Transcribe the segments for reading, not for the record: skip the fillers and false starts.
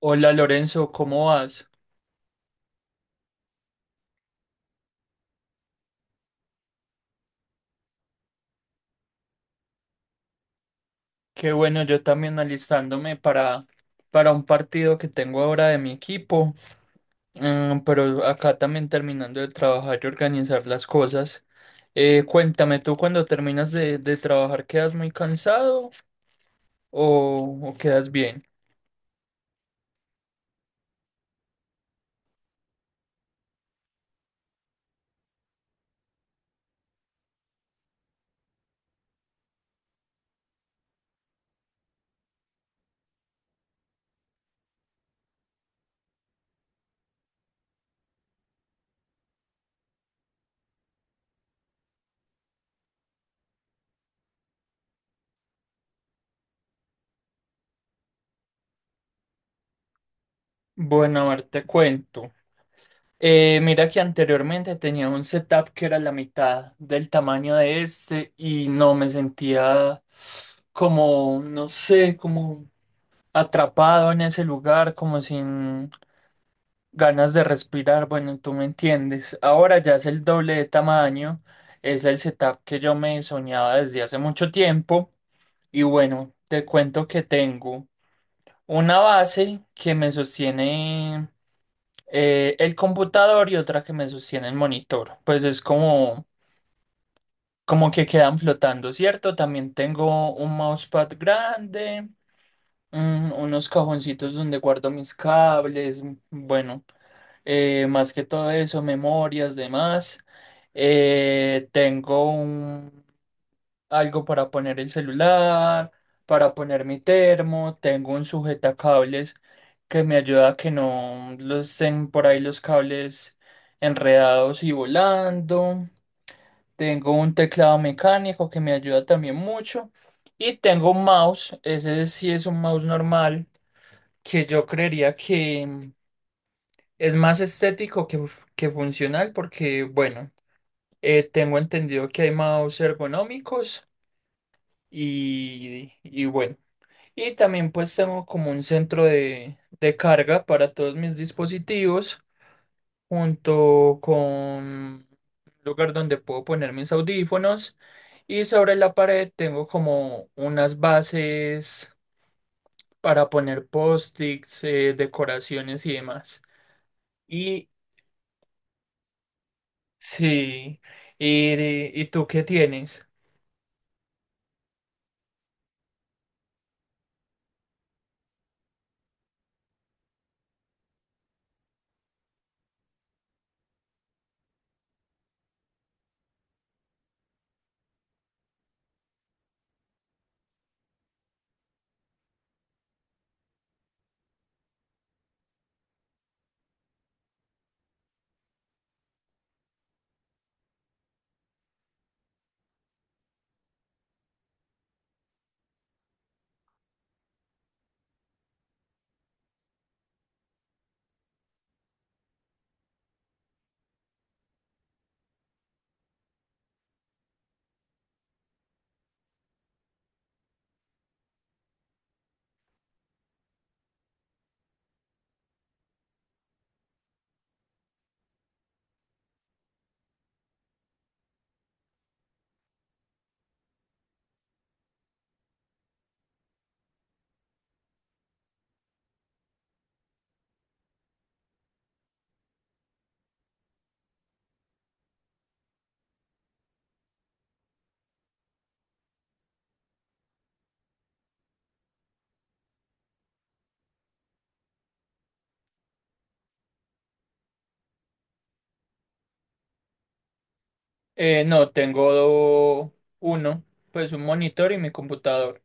Hola Lorenzo, ¿cómo vas? Qué bueno, yo también alistándome para un partido que tengo ahora de mi equipo. Mm, pero acá también terminando de trabajar y organizar las cosas. Cuéntame, ¿tú cuando terminas de trabajar quedas muy cansado o quedas bien? Bueno, a ver, te cuento. Mira que anteriormente tenía un setup que era la mitad del tamaño de este y no me sentía como, no sé, como atrapado en ese lugar, como sin ganas de respirar. Bueno, tú me entiendes. Ahora ya es el doble de tamaño, es el setup que yo me soñaba desde hace mucho tiempo. Y bueno, te cuento que tengo una base que me sostiene el computador y otra que me sostiene el monitor. Pues es como, como que quedan flotando, ¿cierto? También tengo un mousepad grande. Unos cajoncitos donde guardo mis cables, bueno, más que todo eso, memorias, demás. Eh, tengo un, Algo para poner el celular, para poner mi termo, tengo un sujetacables que me ayuda a que no los estén por ahí los cables enredados y volando. Tengo un teclado mecánico que me ayuda también mucho. Y tengo un mouse, ese sí es un mouse normal que yo creería que es más estético que funcional porque, bueno, tengo entendido que hay mouse ergonómicos y bueno, y también pues tengo como un centro de carga para todos mis dispositivos junto con un lugar donde puedo poner mis audífonos y sobre la pared tengo como unas bases para poner post-its, decoraciones y demás. Y sí. ¿Y, y tú qué tienes? No, tengo uno, pues un monitor y mi computador.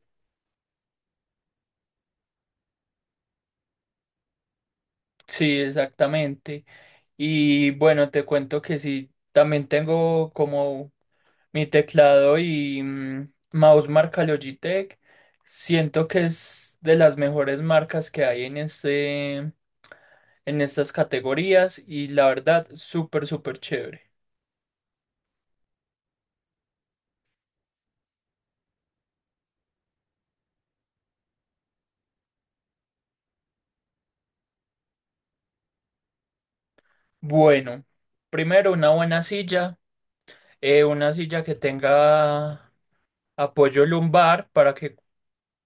Sí, exactamente. Y bueno, te cuento que sí, también tengo como mi teclado y mm, mouse marca Logitech. Siento que es de las mejores marcas que hay en en estas categorías y la verdad, súper, súper chévere. Bueno, primero una buena silla, una silla que tenga apoyo lumbar para que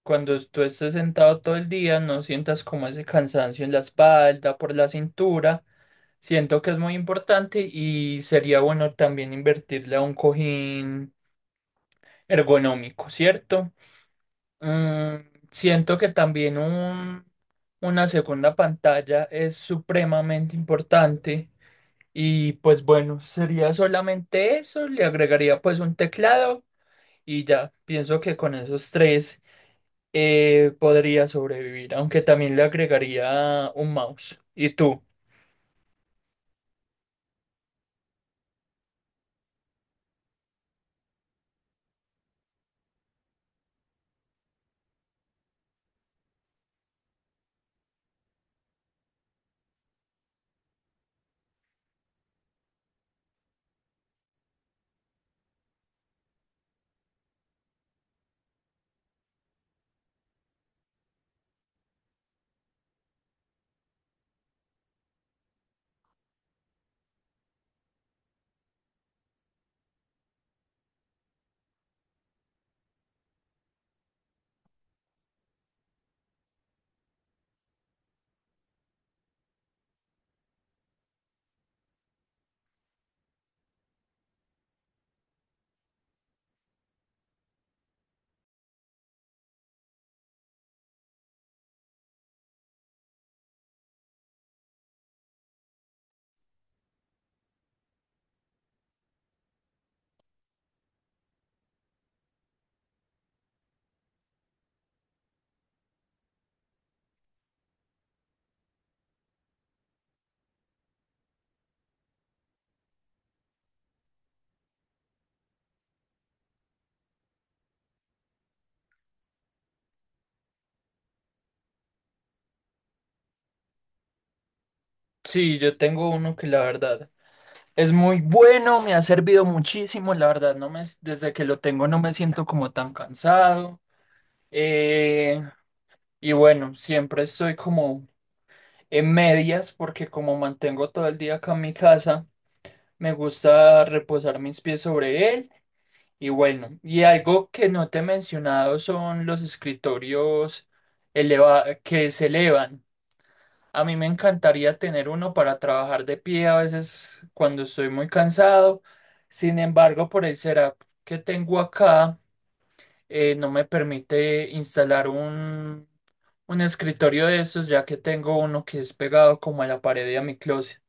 cuando tú estés sentado todo el día no sientas como ese cansancio en la espalda, por la cintura. Siento que es muy importante y sería bueno también invertirle a un cojín ergonómico, ¿cierto? Mm, siento que también una segunda pantalla es supremamente importante y pues bueno, sería solamente eso, le agregaría pues un teclado y ya, pienso que con esos tres podría sobrevivir, aunque también le agregaría un mouse. ¿Y tú? Sí, yo tengo uno que la verdad es muy bueno, me ha servido muchísimo, la verdad, no me, desde que lo tengo no me siento como tan cansado. eh, y bueno, siempre estoy como en medias porque como mantengo todo el día acá en mi casa. Me gusta reposar mis pies sobre él. Y bueno, y algo que no te he mencionado son los escritorios que se elevan. A mí me encantaría tener uno para trabajar de pie a veces cuando estoy muy cansado. Sin embargo, por el setup que tengo acá, no me permite instalar un escritorio de esos, ya que tengo uno que es pegado como a la pared de mi closet.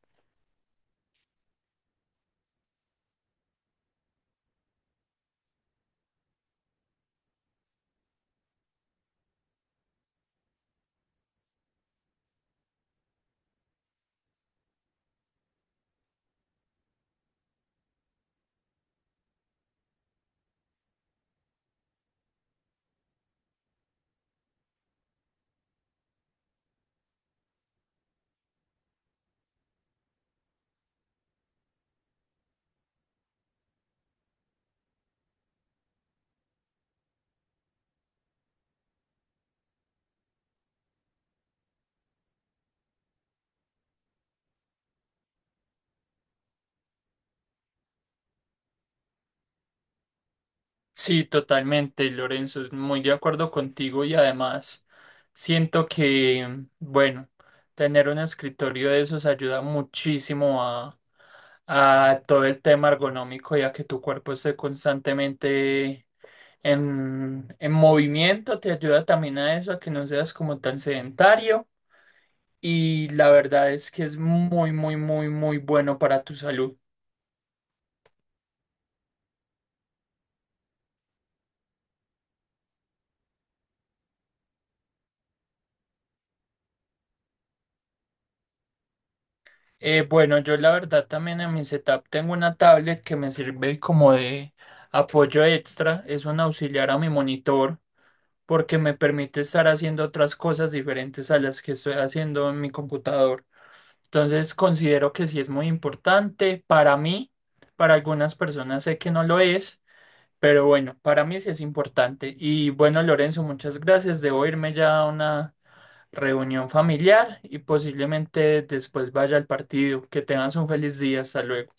Sí, totalmente, Lorenzo, muy de acuerdo contigo y además siento que, bueno, tener un escritorio de esos ayuda muchísimo a todo el tema ergonómico, ya que tu cuerpo esté constantemente en movimiento, te ayuda también a eso, a que no seas como tan sedentario y la verdad es que es muy, muy, muy, muy bueno para tu salud. Bueno, yo la verdad también en mi setup tengo una tablet que me sirve como de apoyo extra, es un auxiliar a mi monitor porque me permite estar haciendo otras cosas diferentes a las que estoy haciendo en mi computador. Entonces considero que sí es muy importante para mí, para algunas personas sé que no lo es, pero bueno, para mí sí es importante. Y bueno, Lorenzo, muchas gracias. Debo irme ya a una reunión familiar y posiblemente después vaya al partido. Que tengas un feliz día. Hasta luego.